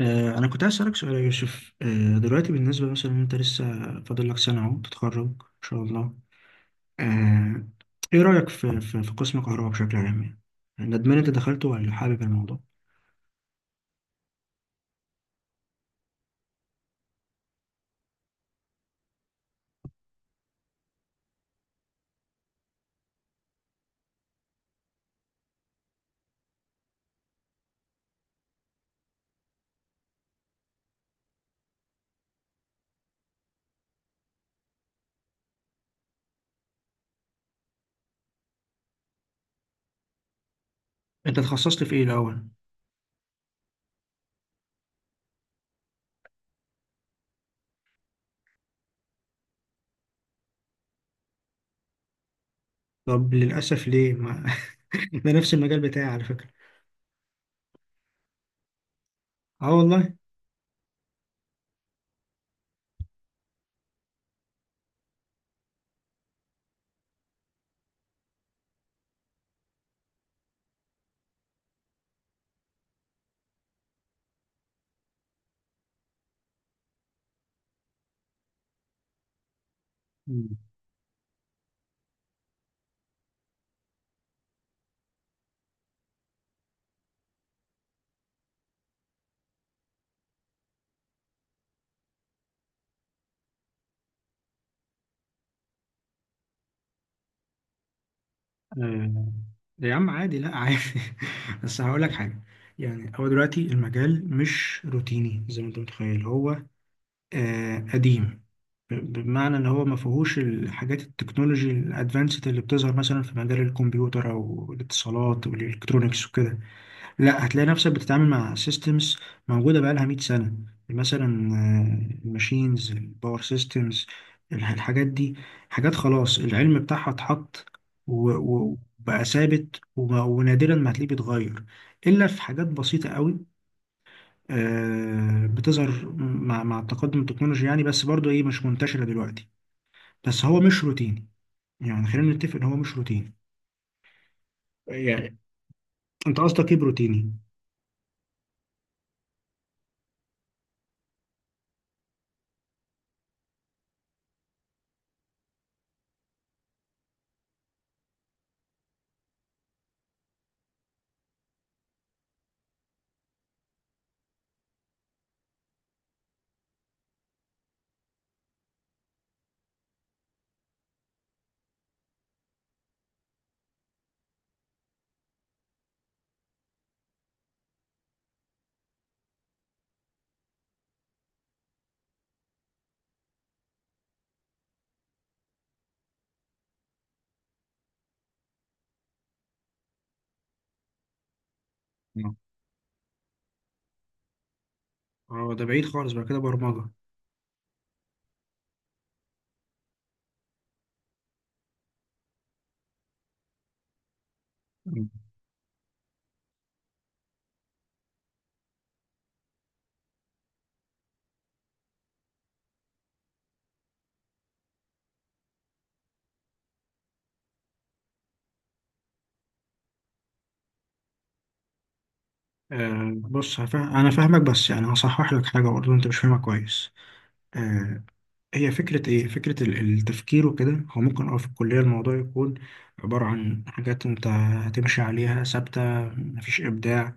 أنا كنت عايز أسألك سؤال يا يوسف، دلوقتي بالنسبة مثلا أنت لسه فاضل لك سنة أهو تتخرج إن شاء الله. آه، إيه رأيك في قسم كهرباء بشكل عام يعني؟ ندمان أنت دخلته ولا حابب الموضوع؟ أنت اتخصصت في إيه الأول؟ طب للأسف ليه؟ ما... ده نفس المجال بتاعي على فكرة. أه والله. مم. آه، ده يا عم عادي، لا عادي. بس هقول لك حاجة، يعني هو دلوقتي المجال مش روتيني زي ما أنت متخيل، هو قديم، بمعنى ان هو ما فيهوش الحاجات التكنولوجي الادفانسد اللي بتظهر مثلا في مجال الكمبيوتر او الاتصالات والالكترونيكس وكده. لا، هتلاقي نفسك بتتعامل مع سيستمز موجوده بقالها 100 سنه مثلا، الماشينز، الباور سيستمز، الحاجات دي حاجات خلاص العلم بتاعها اتحط وبقى ثابت، ونادرا ما هتلاقيه بيتغير الا في حاجات بسيطه قوي، بتظهر مع التقدم التكنولوجي يعني، بس برضو ايه مش منتشره دلوقتي. بس هو مش روتيني، يعني خلينا نتفق ان هو مش روتيني. يعني انت قصدك ايه بروتيني؟ مم. اه، ده بعيد خالص بقى كده، برمجة. مم. بص، هفهم، انا فاهمك، بس يعني هصحح لك حاجه برضه انت مش فاهمها كويس. آه هي فكره ايه، فكره التفكير وكده. هو ممكن في الكليه الموضوع يكون عباره عن حاجات انت هتمشي عليها ثابته، مفيش ابداع.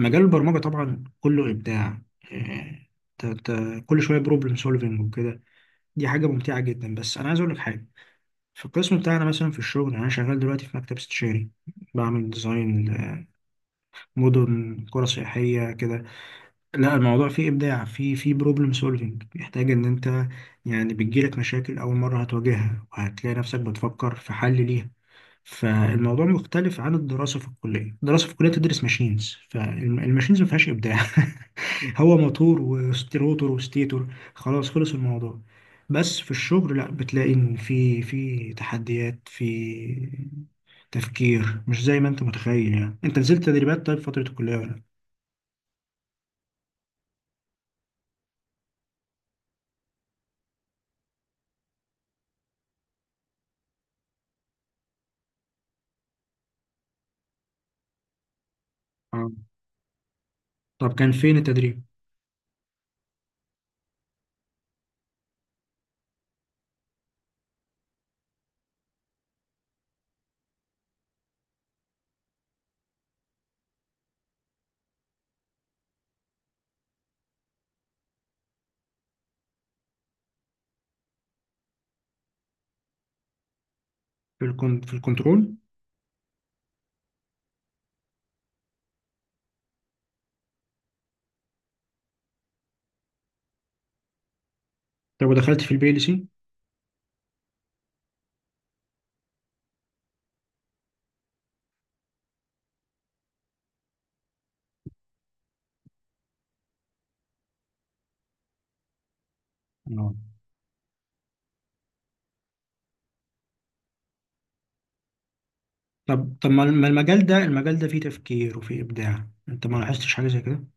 مجال البرمجه طبعا كله ابداع، آه كل شويه بروبلم سولفنج وكده، دي حاجه ممتعه جدا. بس انا عايز اقول لك حاجه، في القسم بتاعنا مثلا، في الشغل يعني، أنا شغال دلوقتي في مكتب استشاري، بعمل ديزاين، مدن قرى سياحية كده. لا، الموضوع فيه إبداع، فيه بروبلم سولفينج، بيحتاج إن أنت يعني بتجيلك مشاكل أول مرة هتواجهها، وهتلاقي نفسك بتفكر في حل ليها. فالموضوع مختلف عن الدراسة في الكلية. الدراسة في الكلية تدرس ماشينز، فالماشينز ما فيهاش إبداع هو موتور وستيروتور وستيتور، خلاص، خلص الموضوع. بس في الشغل لا، بتلاقي إن في تحديات في تفكير، مش زي ما أنت متخيل. يعني أنت نزلت تدريبات طيب فترة الكلية ولا لأ؟ آه. طب كان فين التدريب؟ في في الكنترول؟ طب ودخلت في البي ال سي؟ آه. طب ما المجال ده، المجال ده فيه تفكير وفيه إبداع، أنت ما لاحظتش حاجة زي كده؟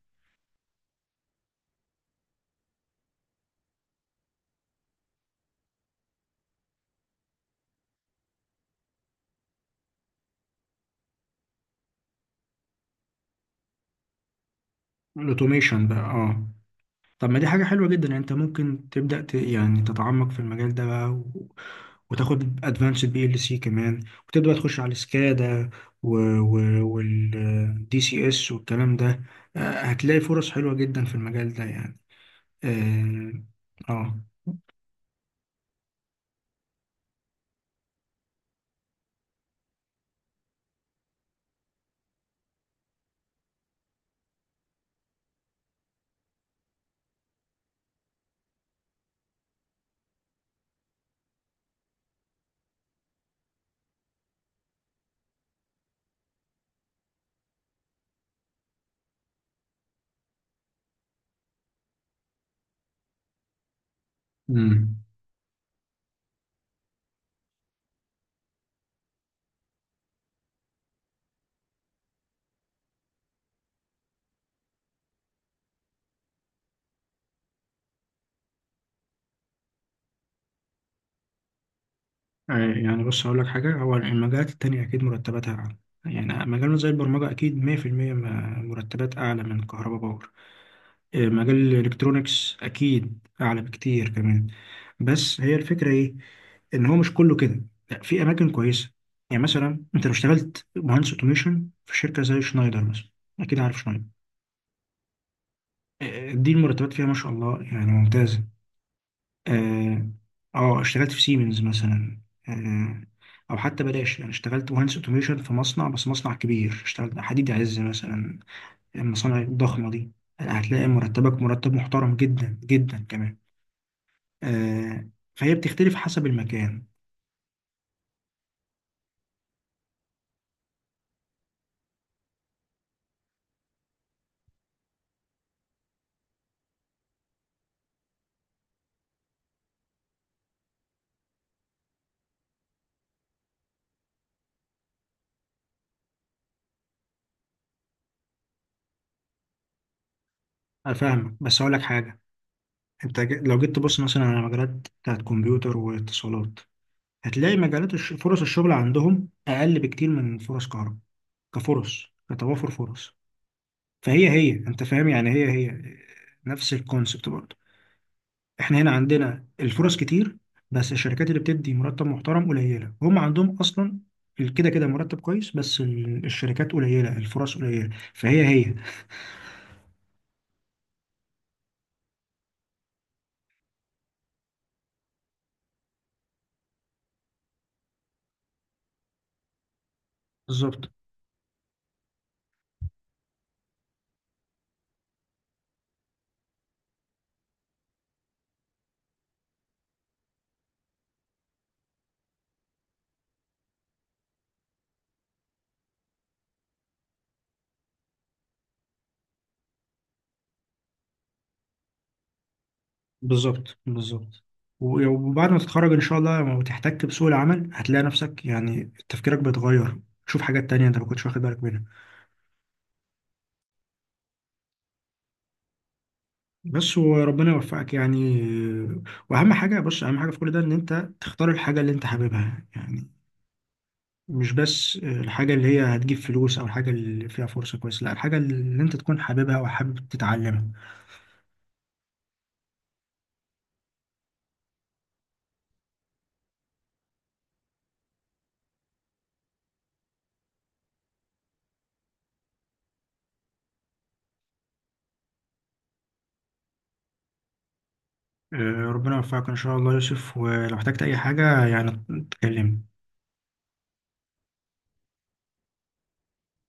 الاوتوميشن بقى، اه. طب ما دي حاجة حلوة جدا، يعني انت ممكن يعني تتعمق في المجال ده بقى، وتاخد ادفانسد بي ال سي كمان، وتبدأ تخش على السكادا، و... و... والدي سي اس والكلام ده. هتلاقي فرص حلوة جدا في المجال ده يعني. اه. آه. امم يعني بص، هقول لك حاجة، هو المجالات التانية أكيد مرتباتها أعلى، يعني مجالنا زي البرمجة أكيد 100% مرتبات أعلى من كهرباء باور. مجال الالكترونيكس اكيد اعلى بكتير كمان. بس هي الفكره ايه، ان هو مش كله كده، لا، في اماكن كويسه. يعني مثلا انت لو اشتغلت مهندس اوتوميشن في شركه زي شنايدر مثلا، اكيد عارف شنايدر. دي المرتبات فيها ما شاء الله يعني ممتازه. اه. اشتغلت في سيمنز مثلا، آه او حتى بلاش، يعني اشتغلت مهندس اوتوميشن في مصنع، بس مصنع كبير، اشتغلت حديد عز مثلا. المصانع الضخمه دي هتلاقي مرتبك مرتب محترم جدا جدا كمان. آه، فهي بتختلف حسب المكان. انا فاهمك بس اقول لك حاجه، لو جيت تبص مثلا على مجالات بتاعت كمبيوتر واتصالات، هتلاقي مجالات فرص الشغل عندهم اقل بكتير من فرص كهرباء، كفرص، كتوافر فرص. فهي هي، انت فاهم يعني، هي هي نفس الكونسبت برضه. احنا هنا عندنا الفرص كتير، بس الشركات اللي بتدي مرتب محترم قليله، هم عندهم اصلا كده كده مرتب كويس، بس الشركات قليله، الفرص قليله، فهي هي. بالظبط، بالظبط، بالظبط. وبعد ما تتخرج ان شاء الله، لما تحتك بسوق العمل هتلاقي نفسك يعني تفكيرك بيتغير، تشوف حاجات تانية انت ما كنتش واخد بالك منها. بس وربنا يوفقك يعني. واهم حاجة، بص، اهم حاجة في كل ده ان انت تختار الحاجة اللي انت حاببها، يعني مش بس الحاجة اللي هي هتجيب فلوس او الحاجة اللي فيها فرصة كويسة، لا، الحاجة اللي انت تكون حاببها وحابب تتعلمها. آه، ربنا يوفقك ان شاء الله يا يوسف، ولو احتجت اي حاجة يعني تكلمني.